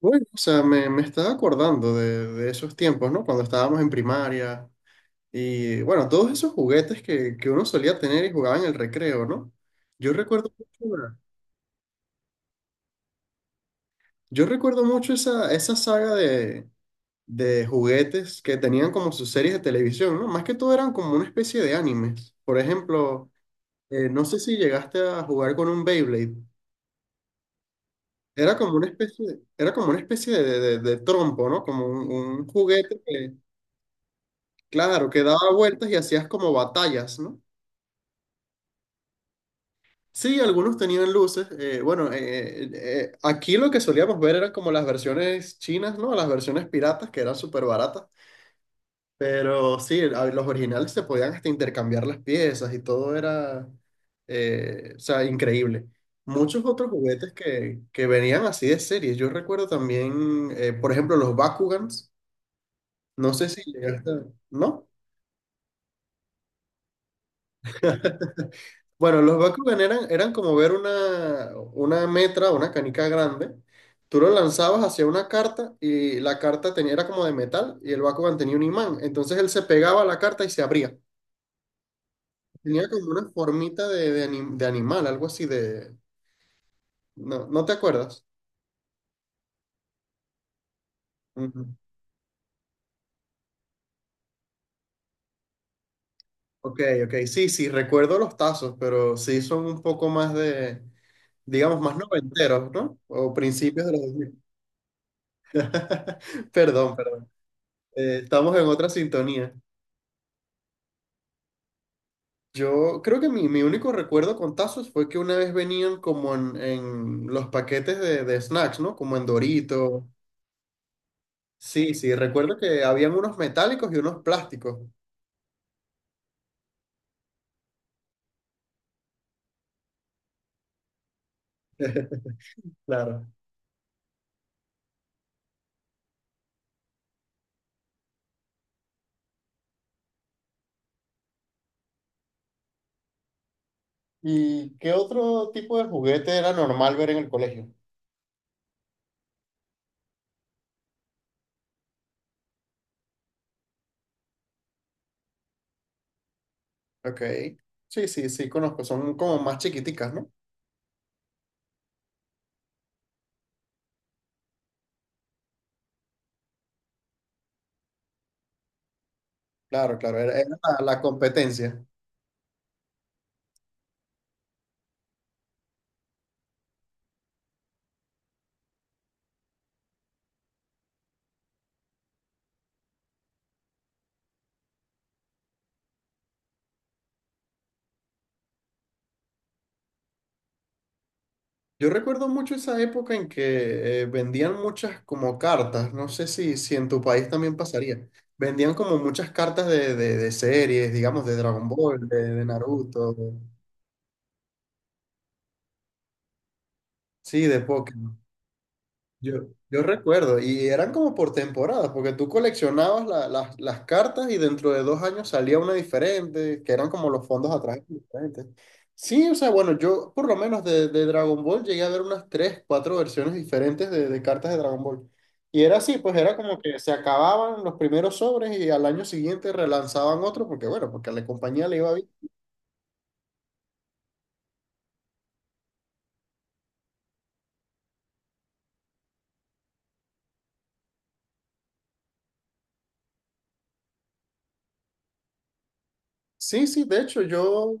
Bueno, o sea, me estaba acordando de esos tiempos, ¿no? Cuando estábamos en primaria y, bueno, todos esos juguetes que uno solía tener y jugaba en el recreo, ¿no? Yo recuerdo mucho, yo recuerdo mucho esa, esa saga de juguetes que tenían como sus series de televisión, ¿no? Más que todo eran como una especie de animes. Por ejemplo, no sé si llegaste a jugar con un Beyblade. Era como una especie, Era como una especie de, trompo, ¿no? Como un juguete que... Claro, que daba vueltas y hacías como batallas, ¿no? Sí, algunos tenían luces. Bueno, Aquí lo que solíamos ver eran como las versiones chinas, ¿no? Las versiones piratas que eran súper baratas. Pero sí, a los originales se podían hasta intercambiar las piezas y todo era, o sea, increíble. Muchos otros juguetes que venían así de series. Yo recuerdo también, por ejemplo, los Bakugans. No sé si llegaste, ¿no? Bueno, los Bakugan eran como ver una metra, una canica grande. Tú lo lanzabas hacia una carta y la carta tenía, era como de metal y el Bakugan tenía un imán. Entonces él se pegaba a la carta y se abría. Tenía como una formita de, de animal, algo así de... ¿No, no te acuerdas? Ujú. Ok, ok. Sí, sí, recuerdo los tazos, pero sí son un poco más de, digamos, más noventeros, ¿no? O principios de los dos mil. Perdón, perdón. Estamos en otra sintonía. Yo creo que mi único recuerdo con tazos fue que una vez venían como en los paquetes de snacks, ¿no? Como en Dorito. Sí, sí, recuerdo que habían unos metálicos y unos plásticos. Claro. ¿Y qué otro tipo de juguete era normal ver en el colegio? Ok. Sí, sí, sí, conozco. Son como más chiquiticas, ¿no? Claro, claro, era la, la competencia. Yo recuerdo mucho esa época en que vendían muchas como cartas, no sé si, si en tu país también pasaría, vendían como muchas cartas de, de series, digamos, de Dragon Ball, de Naruto, de... sí, de Pokémon. Yo, yo recuerdo, y eran como por temporadas, porque tú coleccionabas las cartas y dentro de dos años salía una diferente, que eran como los fondos atrás diferentes. Sí, o sea, bueno, yo por lo menos de Dragon Ball llegué a ver unas tres, cuatro versiones diferentes de cartas de Dragon Ball. Y era así, pues era como que se acababan los primeros sobres y al año siguiente relanzaban otro, porque bueno, porque a la compañía le iba bien. Sí, sí, de hecho, yo...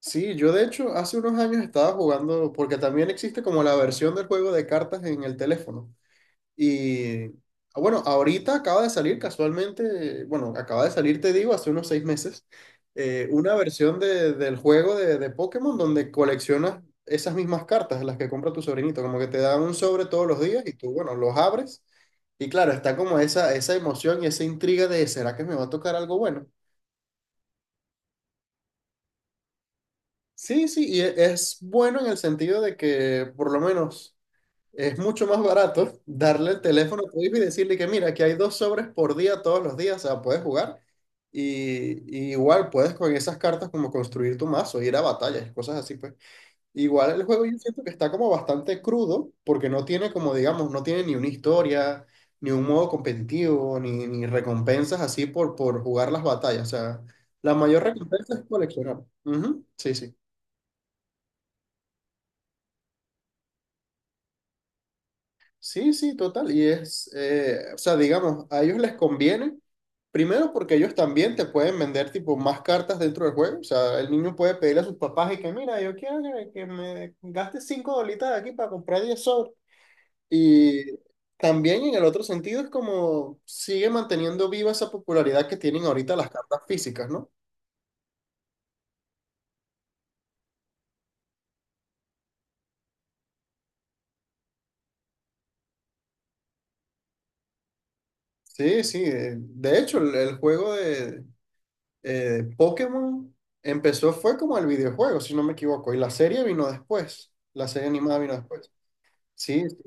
Sí, yo de hecho hace unos años estaba jugando, porque también existe como la versión del juego de cartas en el teléfono. Y ah, bueno, ahorita acaba de salir casualmente, bueno, acaba de salir, te digo, hace unos seis meses, una versión del juego de Pokémon donde coleccionas esas mismas cartas, las que compra tu sobrinito, como que te dan un sobre todos los días y tú, bueno, los abres. Y claro, está como esa emoción y esa intriga de, ¿será que me va a tocar algo bueno? Sí, sí, y es bueno en el sentido de que por lo menos es mucho más barato darle el teléfono a tu hijo y decirle que mira, aquí hay dos sobres por día todos los días, o sea, puedes jugar y, y igual puedes con esas cartas como construir tu mazo, ir a batallas, cosas así, pues. Igual el juego yo siento que está como bastante crudo porque no tiene como, digamos, no tiene ni una historia, ni un modo competitivo, ni, ni recompensas así por jugar las batallas, o sea, la mayor recompensa es coleccionar. Ujú, sí, sí. Sí, sí, total. Y es, o sea, digamos, a ellos les conviene, primero porque ellos también te pueden vender tipo más cartas dentro del juego. O sea, el niño puede pedirle a sus papás y que, mira, yo quiero que me gaste cinco dolitas de aquí para comprar 10 sobres. Y también en el otro sentido es como sigue manteniendo viva esa popularidad que tienen ahorita las cartas físicas, ¿no? Sí, sí. De hecho, el juego de, Pokémon empezó, fue como el videojuego, si no me equivoco, y la serie vino después, la serie animada vino después. Sí, sí.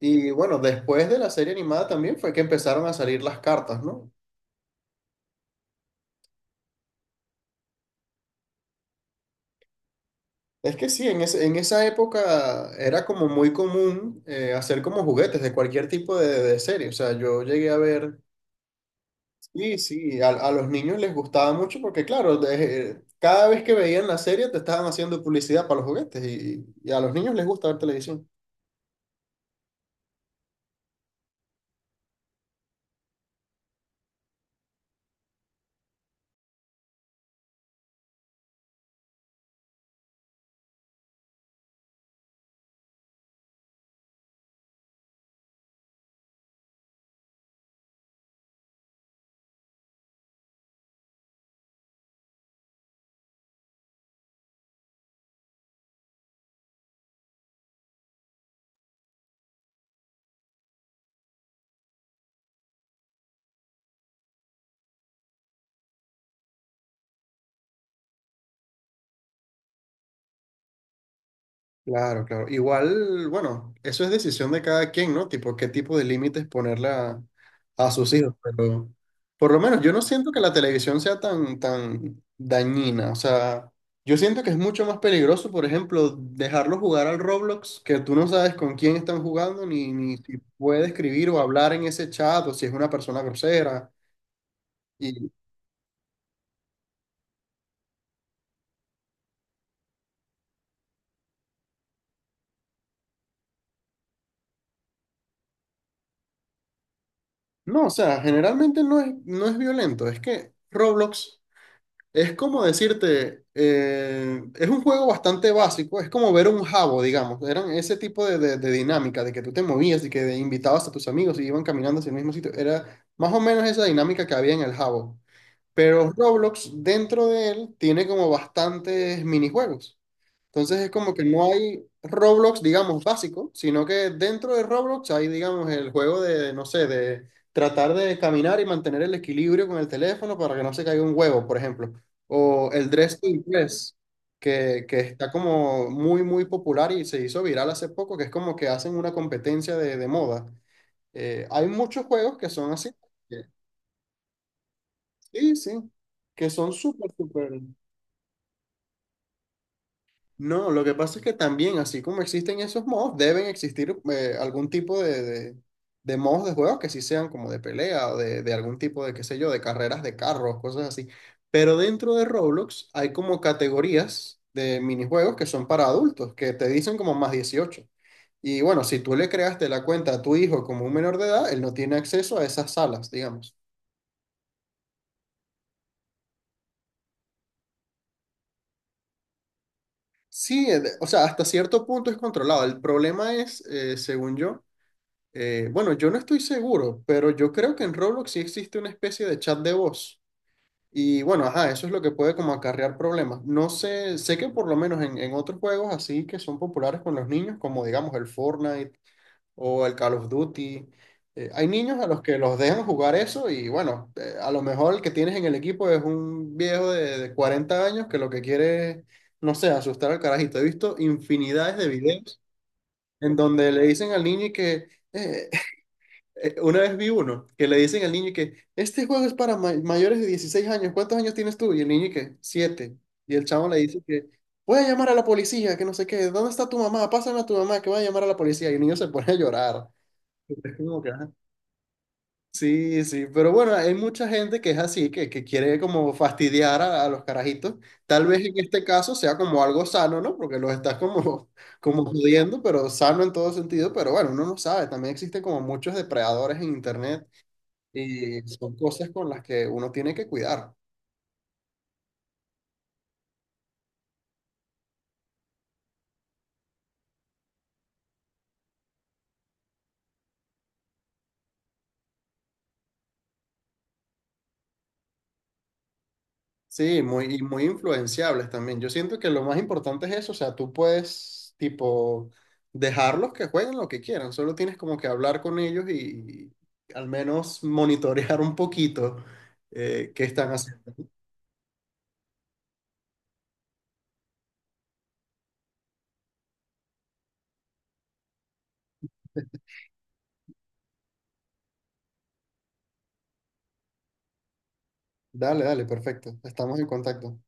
Y bueno, después de la serie animada también fue que empezaron a salir las cartas, ¿no? Es que sí, en, en esa época era como muy común hacer como juguetes de cualquier tipo de serie. O sea, yo llegué a ver, sí, sí, a los niños les gustaba mucho porque claro, cada vez que veían la serie te estaban haciendo publicidad para los juguetes y a los niños les gusta ver televisión. Claro, claro. Igual, bueno, eso es decisión de cada quien, ¿no? Tipo, qué tipo de límites ponerle a sus hijos. Pero por lo menos yo no siento que la televisión sea tan, tan dañina. O sea, yo siento que es mucho más peligroso, por ejemplo, dejarlos jugar al Roblox, que tú no sabes con quién están jugando, ni, ni si puede escribir o hablar en ese chat, o si es una persona grosera. Y no, o sea, generalmente no es, no es violento. Es que Roblox. Es como decirte, es un juego bastante básico, es como ver un jabo, digamos. Eran ese tipo de, de dinámica, de que tú te movías y que invitabas a tus amigos y iban caminando hacia el mismo sitio. Era más o menos esa dinámica que había en el jabo. Pero Roblox, dentro de él, tiene como bastantes minijuegos. Entonces es como que no hay Roblox, digamos, básico, sino que dentro de Roblox hay, digamos, el juego de, no sé, de tratar de caminar y mantener el equilibrio con el teléfono para que no se caiga un huevo, por ejemplo. O el Dress to Impress, que está como muy, muy popular y se hizo viral hace poco, que es como que hacen una competencia de moda. Hay muchos juegos que son así. que- Sí, sí, que son súper, súper. No, lo que pasa es que también, así como existen esos mods, deben existir algún tipo de mods de juegos que sí sean como de pelea o de algún tipo de, qué sé yo, de carreras de carros, cosas así. Pero dentro de Roblox hay como categorías de minijuegos que son para adultos, que te dicen como más 18. Y bueno, si tú le creaste la cuenta a tu hijo como un menor de edad, él no tiene acceso a esas salas, digamos. Sí, o sea, hasta cierto punto es controlado. El problema es, según yo... Bueno, yo no estoy seguro, pero yo creo que en Roblox sí existe una especie de chat de voz. Y bueno, ajá, eso es lo que puede como acarrear problemas. No sé, sé que por lo menos en otros juegos así que son populares con los niños, como digamos el Fortnite o el Call of Duty, hay niños a los que los dejan jugar eso y bueno, a lo mejor el que tienes en el equipo es un viejo de 40 años que lo que quiere es, no sé, asustar al carajito. He visto infinidades de videos en donde le dicen al niño y que... "Eh, una vez vi uno que le dicen al niño que este juego es para mayores de 16 años, ¿cuántos años tienes tú? Y el niño que siete. Y el chavo le dice que voy a llamar a la policía, que no sé qué, ¿dónde está tu mamá? Pásame a tu mamá que voy a llamar a la policía. Y el niño se pone a llorar. Es como que, ajá. Sí, sí, pero bueno, hay mucha gente que es así, que quiere como fastidiar a los carajitos. Tal vez en este caso sea como algo sano, ¿no? Porque los estás como, como jodiendo, pero sano en todo sentido. Pero bueno, uno no sabe, también existen como muchos depredadores en internet y son cosas con las que uno tiene que cuidar. Sí, muy, y muy influenciables también. Yo siento que lo más importante es eso, o sea, tú puedes, tipo, dejarlos que jueguen lo que quieran, solo tienes como que hablar con ellos y al menos monitorear un poquito qué están haciendo. Dale, dale, perfecto. Estamos en contacto.